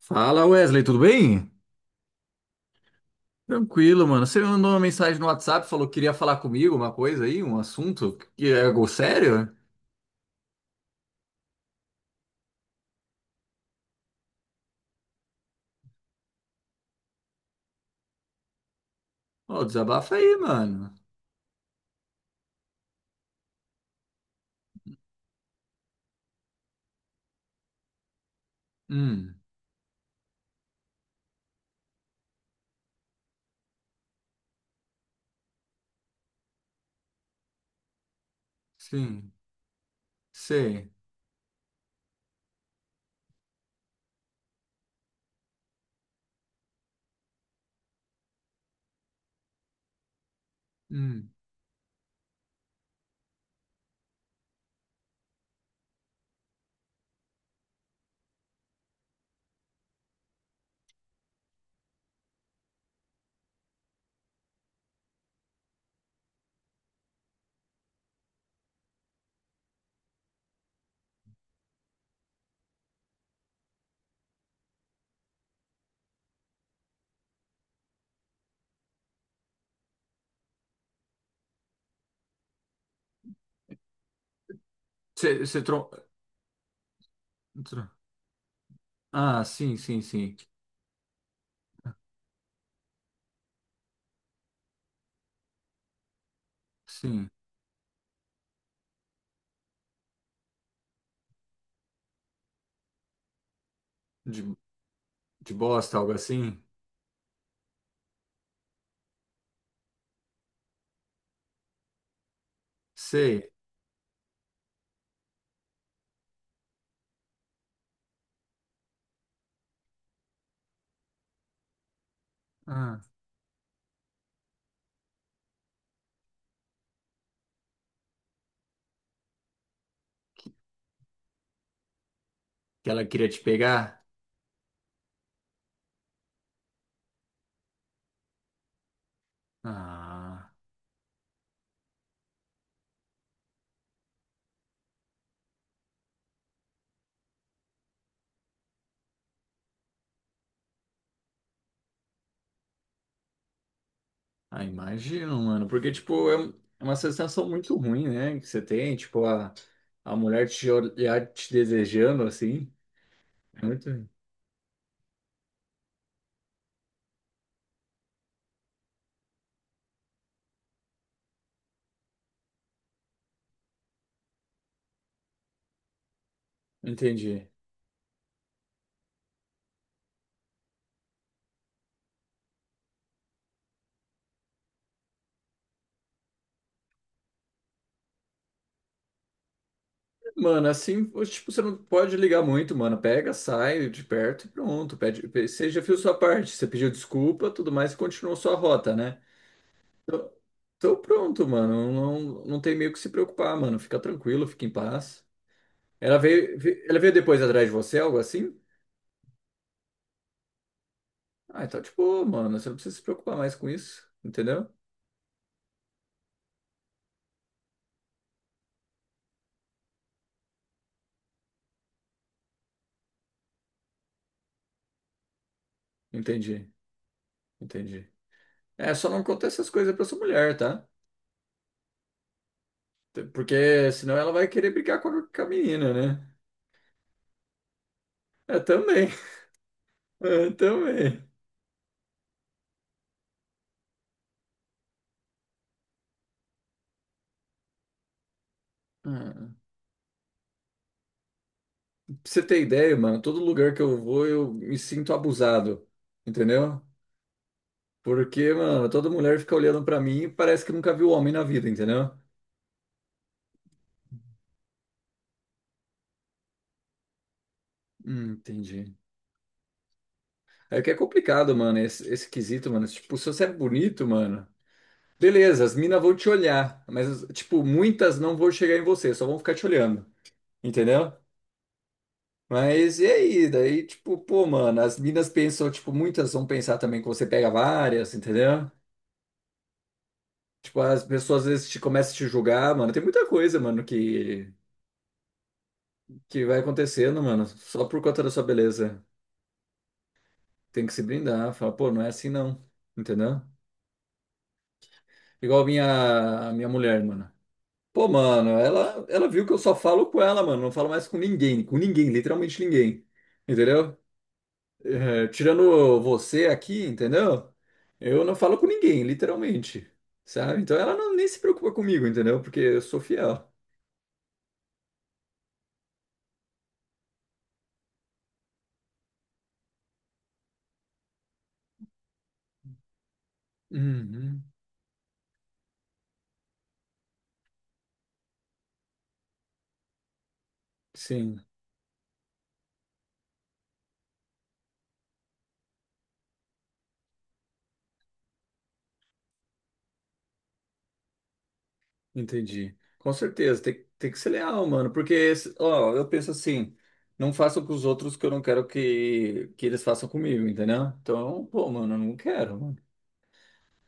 Fala, Wesley, tudo bem? Tranquilo, mano. Você me mandou uma mensagem no WhatsApp, falou que queria falar comigo uma coisa aí, um assunto que é algo sério? Ó, desabafa aí, mano. Hum, sim, sei. Hum. Você tro- Ah, sim, sim, sim. Sim. De, de bosta, algo assim? Sei. Ah, que ela queria te pegar? Ah. Ah, imagino, mano. Porque, tipo, é um, é uma sensação muito ruim, né? Que você tem, tipo, a mulher te olhar te desejando, assim. É muito ruim. Entendi. Mano, assim, tipo, você não pode ligar muito, mano. Pega, sai de perto e pronto. Você já fez sua parte. Você pediu desculpa, tudo mais, e continuou sua rota, né? Então, então pronto, mano. Não, não tem meio que se preocupar, mano. Fica tranquilo, fica em paz. Ela veio depois atrás de você, algo assim? Ah, então, tipo, mano, você não precisa se preocupar mais com isso, entendeu? Entendi, entendi. É, só não conta essas coisas pra sua mulher, tá? Porque senão ela vai querer brigar com a menina, né? É, também. É, também. Hum. Pra você ter ideia, mano, todo lugar que eu vou eu me sinto abusado, entendeu? Porque, mano, toda mulher fica olhando pra mim e parece que nunca viu homem na vida, entendeu? Entendi. É que é complicado, mano, esse quesito, mano. Tipo, se você é bonito, mano. Beleza, as minas vão te olhar, mas, tipo, muitas não vão chegar em você, só vão ficar te olhando, entendeu? Mas e aí? Daí, tipo, pô, mano, as minas pensam, tipo, muitas vão pensar também que você pega várias, entendeu? Tipo, as pessoas às vezes te começam a te julgar, mano. Tem muita coisa, mano, que vai acontecendo, mano, só por conta da sua beleza. Tem que se brindar, falar, pô, não é assim não, entendeu? Igual a minha mulher, mano. Pô, mano, ela viu que eu só falo com ela, mano. Não falo mais com ninguém, literalmente ninguém. Entendeu? É, tirando você aqui, entendeu? Eu não falo com ninguém, literalmente. Sabe? Então ela não, nem se preocupa comigo, entendeu? Porque eu sou fiel. Uhum, sim, entendi. Com certeza, tem, tem que ser leal, mano. Porque, ó, eu penso assim, não faço com os outros o que eu não quero que eles façam comigo, entendeu? Então, pô, mano, eu não quero,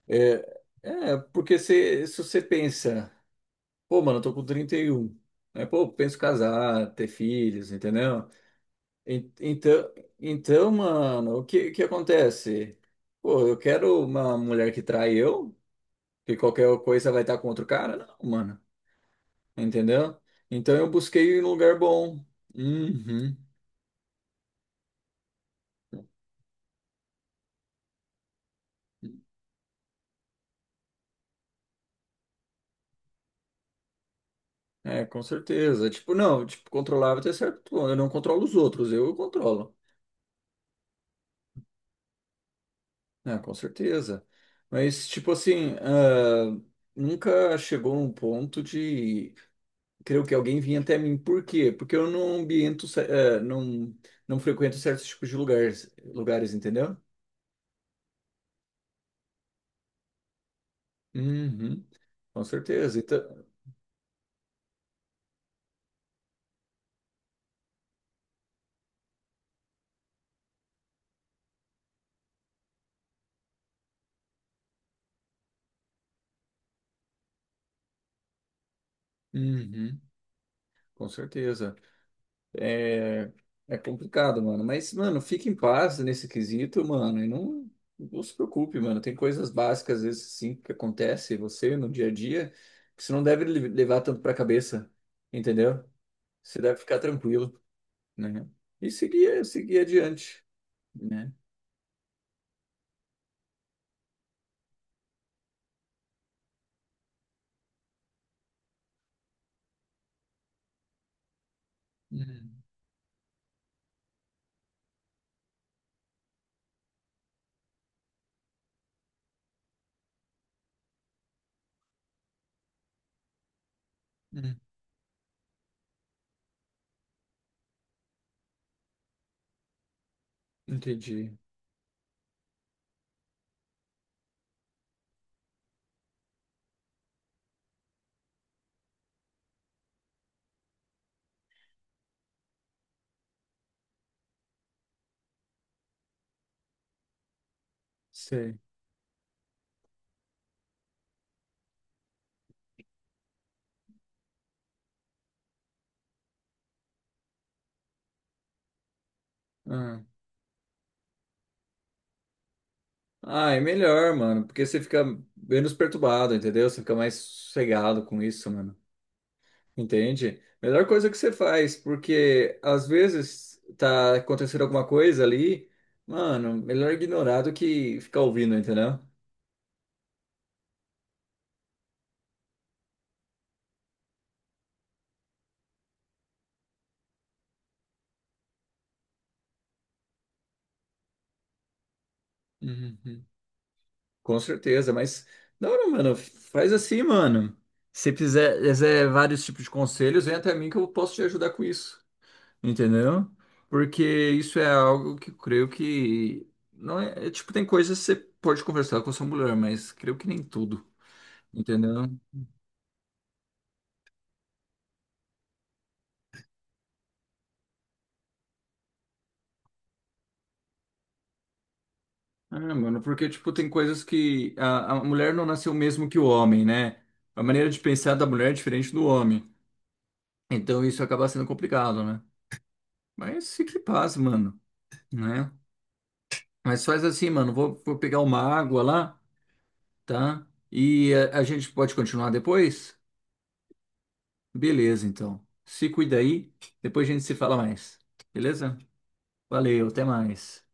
é, é porque se você pensa, pô, mano, eu tô com 31, né? Pô, penso casar, ter filhos, entendeu? Então, então, mano, o que acontece? Pô, eu quero uma mulher que trai eu, que qualquer coisa vai estar com outro cara? Não, mano, entendeu? Então eu busquei um lugar bom. Uhum. É, com certeza. Tipo, não, tipo, controlável até certo ponto. Eu não controlo os outros, eu controlo. Ah, com certeza. Mas, tipo assim, ah, nunca chegou num ponto de. Creio que alguém vinha até mim. Por quê? Porque eu não ambiento, não, não frequento certos tipos de lugares, lugares, entendeu? Uhum, com certeza. Então, uhum, com certeza. É, é complicado, mano. Mas, mano, fique em paz nesse quesito, mano. E não, não se preocupe, mano. Tem coisas básicas, às vezes, sim, que acontece em você no dia a dia, que você não deve levar tanto pra cabeça, entendeu? Você deve ficar tranquilo, né? E seguir, seguir adiante, né? Hum, hum, entendi. Sei. Ah. Ah, é melhor, mano, porque você fica menos perturbado, entendeu? Você fica mais sossegado com isso, mano. Entende? Melhor coisa que você faz, porque às vezes tá acontecendo alguma coisa ali, mano, melhor ignorar do que ficar ouvindo, entendeu? Uhum. Com certeza, mas da hora, mano, faz assim, mano. Se quiser, quiser vários tipos de conselhos, vem até mim que eu posso te ajudar com isso, entendeu? Porque isso é algo que eu creio que não é, é, tipo, tem coisas que você pode conversar com a sua mulher, mas creio que nem tudo, entendeu? Ah, mano, porque, tipo, tem coisas que a mulher não nasceu mesmo que o homem, né? A maneira de pensar da mulher é diferente do homem. Então isso acaba sendo complicado, né? Mas fique em paz, mano, né? Mas faz assim, mano, vou, vou pegar uma água lá, tá? E a gente pode continuar depois? Beleza, então. Se cuida aí, depois a gente se fala mais. Beleza? Valeu, até mais.